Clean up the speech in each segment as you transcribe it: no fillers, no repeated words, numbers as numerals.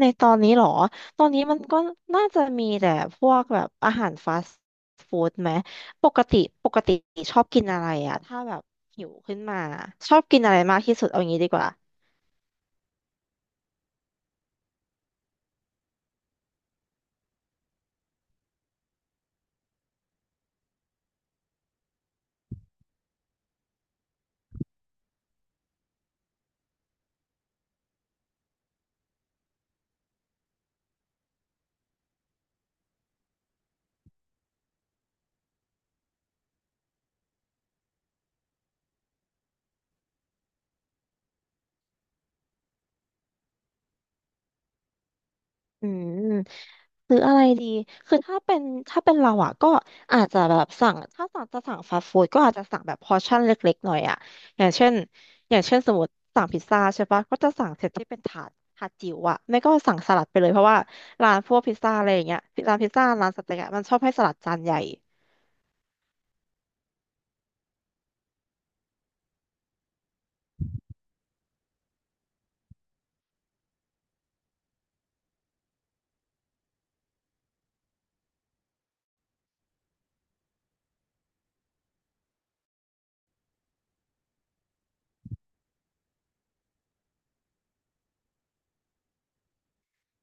ในตอนนี้เหรอ ตอนนี้มันก็น่าจะมีแต่พวกแบบอาหารฟาสต์ฟู้ดไหม ปกติปกติชอบกินอะไรอะถ้าแบบหิวขึ้นมาชอบกินอะไรมากที่สุดเอางี้ดีกว่า อืมซื้ออะไรดีคือถ้าเป็นเราอ่ะก็อาจจะแบบสั่งถ้าสั่งจะสั่งฟาสต์ฟู้ดก็อาจจะสั่งแบบพอร์ชั่นเล็กๆหน่อยอ่ะอย่างเช่นอย่างเช่นสมมติสั่งพิซซ่าใช่ปะก็จะสั่งเซตที่เป็นถาดถาดจิ๋วอ่ะไม่ก็สั่งสลัดไปเลยเพราะว่าร้านพวกพิซซ่าอะไรอย่างเงี้ยร้านพิซซ่าร้านสเต็กอะมันชอบให้สลัดจานใหญ่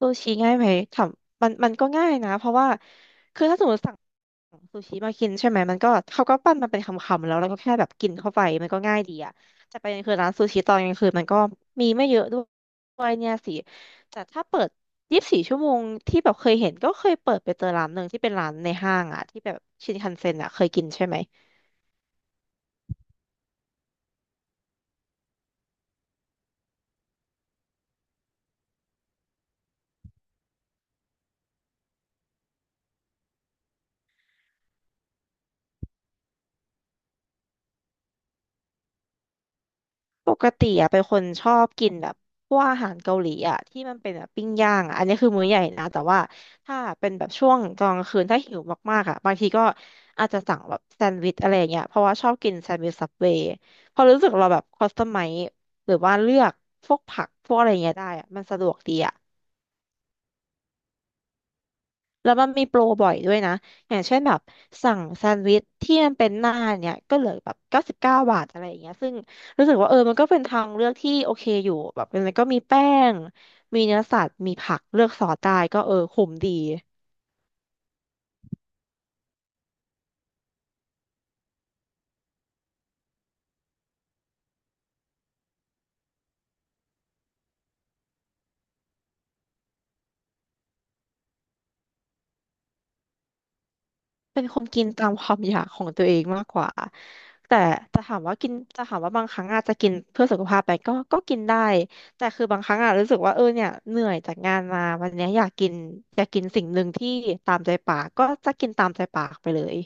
ซูชิง่ายไหมถามมันมันก็ง่ายนะเพราะว่าคือถ้าสมมติสั่งซูชิมากินใช่ไหมมันก็เขาก็ปั้นมันเป็นคำๆแล้วเราก็แค่แบบกินเข้าไปมันก็ง่ายดีอะแต่ประเด็นคือร้านซูชิตอนกลางคืนมันก็มีไม่เยอะด้วยเนี่ยสิแต่ถ้าเปิด24 ชั่วโมงที่แบบเคยเห็นก็เคยเปิดไปเจอร้านหนึ่งที่เป็นร้านในห้างอะที่แบบชินคันเซ็นอะเคยกินใช่ไหม ปกติอะเป็นคนชอบกินแบบพวกอาหารเกาหลีอะที่มันเป็นแบบปิ้งย่างอะอันนี้คือมื้อใหญ่นะแต่ว่าถ้าเป็นแบบช่วงกลางคืนถ้าหิวมากๆอะบางทีก็อาจจะสั่งแบบแซนด์วิชอะไรอย่างเงี้ยเพราะว่าชอบกินแซนด์วิชซับเวย์พอรู้สึกเราแบบคัสตอมไมซ์หรือว่าเลือกพวกผักพวกอะไรเงี้ยได้อะมันสะดวกดีอะ แล้วมันมีโปรบ่อยด้วยนะอย่างเช่นแบบสั่งแซนด์วิชที่มันเป็นหน้าเนี่ยก็เหลือแบบ99 บาทอะไรอย่างเงี้ยซึ่งรู้สึกว่าเออมันก็เป็นทางเลือกที่โอเคอยู่แบบมันก็มีแป้งมีเนื้อสัตว์มีผักเลือกซอสได้ก็เออคุ้มดี เป็นคนกินตามความอยากของตัวเองมากกว่าแต่จะถามว่ากินจะถามว่าบางครั้งอาจจะกินเพื่อสุขภาพไปก็ก็กินได้แต่คือบางครั้งอะรู้สึกว่าเออเนี่ยเหนื่อยจากงานมาวันเนี้ยอยากกินอยากกินสิ่งหนึ่งที่ตามใจปากก็จะกินตามใจปากไปเลย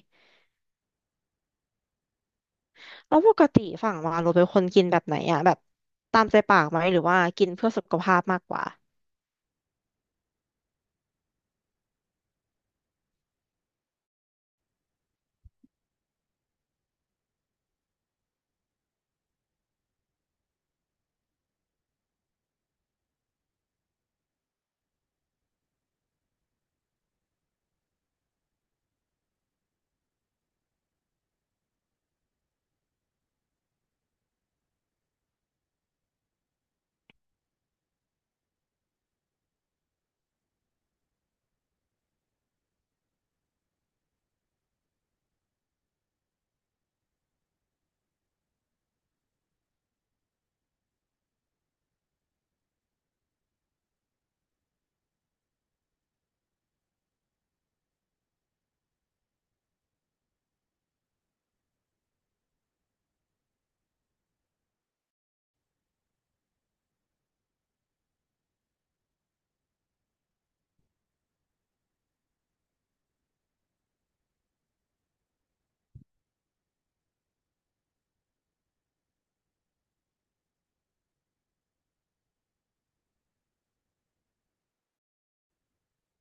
แล้วปกติฝั่งวาเราเป็นคนกินแบบไหนอะแบบตามใจปากไหมหรือว่ากินเพื่อสุขภาพมากกว่า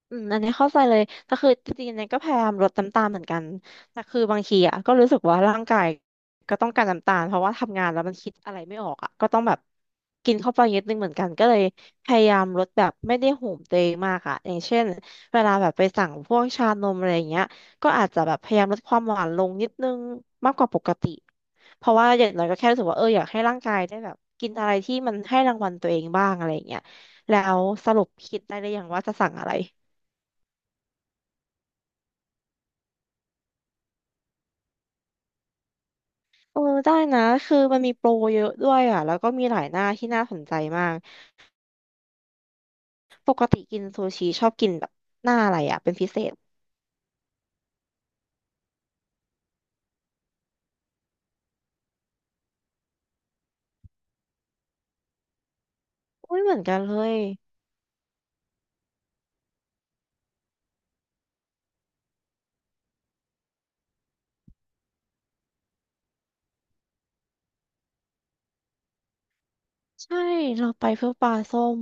อืมอันนี้เข้าใจเลยแต่คือจริงๆเนี่ยก็พยายามลดน้ำตาลเหมือนกันแต่คือบางทีอ่ะก็รู้สึกว่าร่างกายก็ต้องการน้ำตาลเพราะว่าทำงานแล้วมันคิดอะไรไม่ออกอ่ะก็ต้องแบบกินเข้าไปเยอะนิดนึงเหมือนกันก็เลยพยายามลดแบบไม่ได้โหมตัวเองมากอ่ะอย่างเช่นเวลาแบบไปสั่งพวกชานมอะไรอย่างเงี้ยก็อาจจะแบบพยายามลดความหวานลงนิดนึงมากกว่าปกติเพราะว่าอย่างน้อยก็แค่รู้สึกว่าเอออยากให้ร่างกายได้แบบกินอะไรที่มันให้รางวัลตัวเองบ้างอะไรอย่างเงี้ยแล้วสรุปคิดได้หรือยังว่าจะสั่งอะไร เออได้นะคือมันมีโปรเยอะด้วยอ่ะแล้วก็มีหลายหน้าที่น่าสนใจมากปกติกินซูชิชอบกินแบบหน้าอะไรอ่ะเป็นพิเศษอุ้ยเหมือนกันเลยใช่เราไปเพื่อปลาส้ม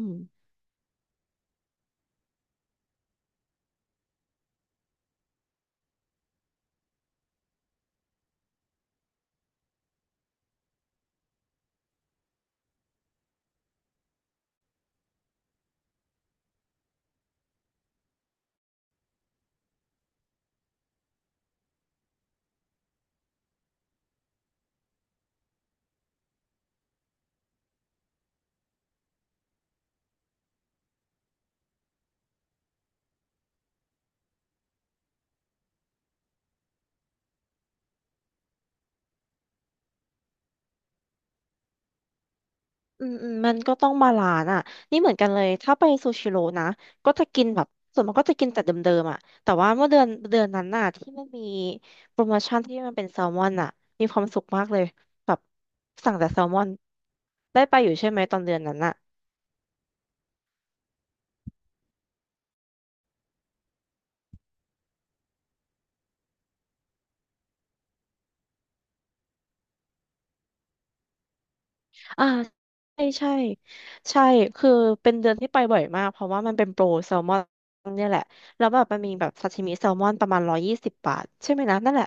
อืมอืมมันก็ต้องบาลานซ์อ่ะนี่เหมือนกันเลยถ้าไปซูชิโร่นะก็จะกินแบบส่วนมากก็จะกินแต่เดิมๆอ่ะแต่ว่าเมื่อเดือนนั้นน่ะที่มันมีโปรโมชั่นที่มันเป็นแซลมอนอ่ะมีความสุขมากเลยแบบสั่งแต่แซลมอนได้ไปอยู่ใช่ไหมตอนเดือนนั้นอ่ะ อ่าใช่ใช่ใช่คือเป็นเดือนที่ไปบ่อยมากเพราะว่ามันเป็นโปรแซลมอนเนี่ยแหละแล้วแบบมันมีแบบซาชิมิแซลมอนประมาณ120 บาทใช่ไหมนะนั่นแหละ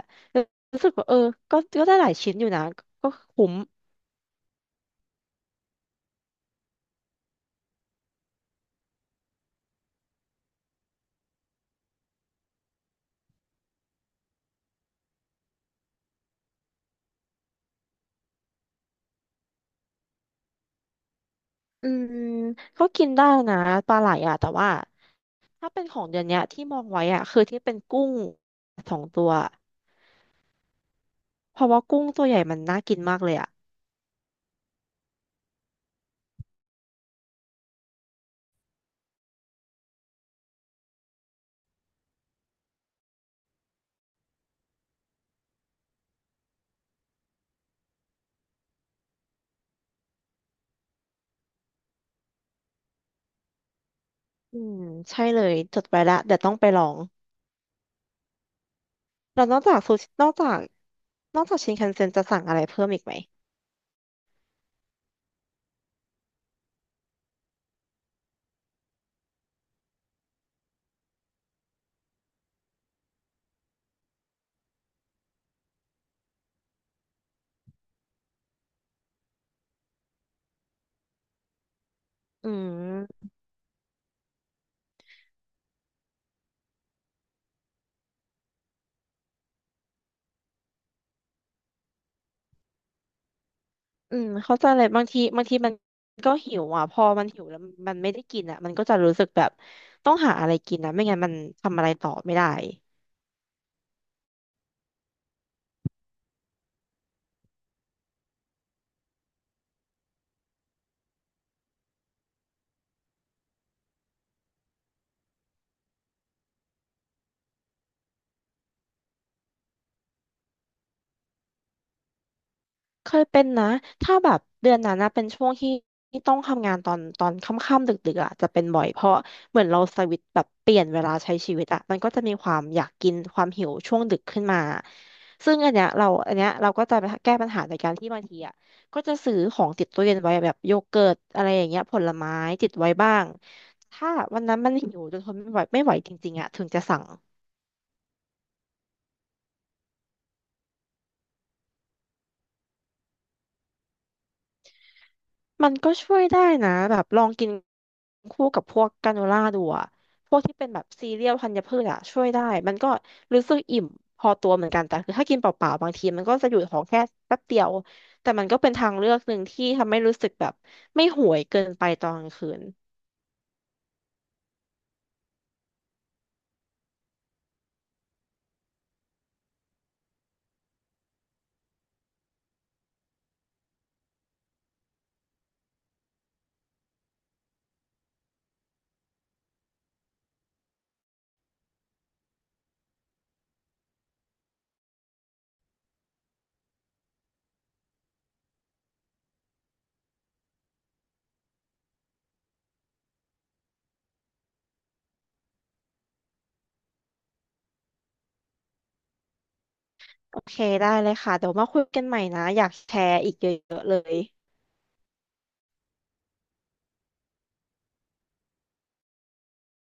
รู้สึกว่าเออก็ก็ได้หลายชิ้นอยู่นะก็คุ้มอืมก็กินได้นะปลาไหลอ่ะแต่ว่าถ้าเป็นของเดือนเนี้ยที่มองไว้อ่ะคือที่เป็นกุ้งสองตัวเพราะว่ากุ้งตัวใหญ่มันน่ากินมากเลยอ่ะอืมใช่เลยจดไว้ละเดี๋ยวต้องไปลอง แล้วนอกจากซูชินอกจากนอกจากชินคันเซ็นจะสั่งอะไรเพิ่มอีกไหม อืมอืมเข้าใจเลยบางทีบางทีมันก็หิวอ่ะพอมันหิวแล้วมันไม่ได้กินอ่ะมันก็จะรู้สึกแบบต้องหาอะไรกินนะไม่งั้นมันทำอะไรต่อไม่ได้ เคยเป็นนะถ้าแบบเดือนนั้นนะเป็นช่วงที่ที่ต้องทำงานตอนค่ำๆดึกๆอ่ะจะเป็นบ่อยเพราะเหมือนเราสวิตช์แบบเปลี่ยนเวลาใช้ชีวิตอ่ะมันก็จะมีความอยากกินความหิวช่วงดึกขึ้นมาซึ่งอันเนี้ยเราก็จะไปแก้ปัญหาโดยการที่บางทีอ่ะก็จะซื้อของติดตู้เย็นไว้แบบโยเกิร์ตอะไรอย่างเงี้ยผลไม้ติดไว้บ้างถ้าวันนั้นมันหิวจนทนไม่ไหวไม่ไหวจริงๆอ่ะถึงจะสั่ง มันก็ช่วยได้นะแบบลองกินคู่กับพวกกราโนล่าดูอะพวกที่เป็นแบบซีเรียลธัญพืชอะช่วยได้มันก็รู้สึกอิ่มพอตัวเหมือนกันแต่คือถ้ากินเปล่าๆบางทีมันก็จะอยู่ท้องแค่แป๊บเดียวแต่มันก็เป็นทางเลือกหนึ่งที่ทำให้รู้สึกแบบไม่ห่วยเกินไปตอนกลางคืนโอเคได้เลยค่ะเดี๋ยวมาคุยกันใหม่นะอยากแชร์อีกเยอะๆเลย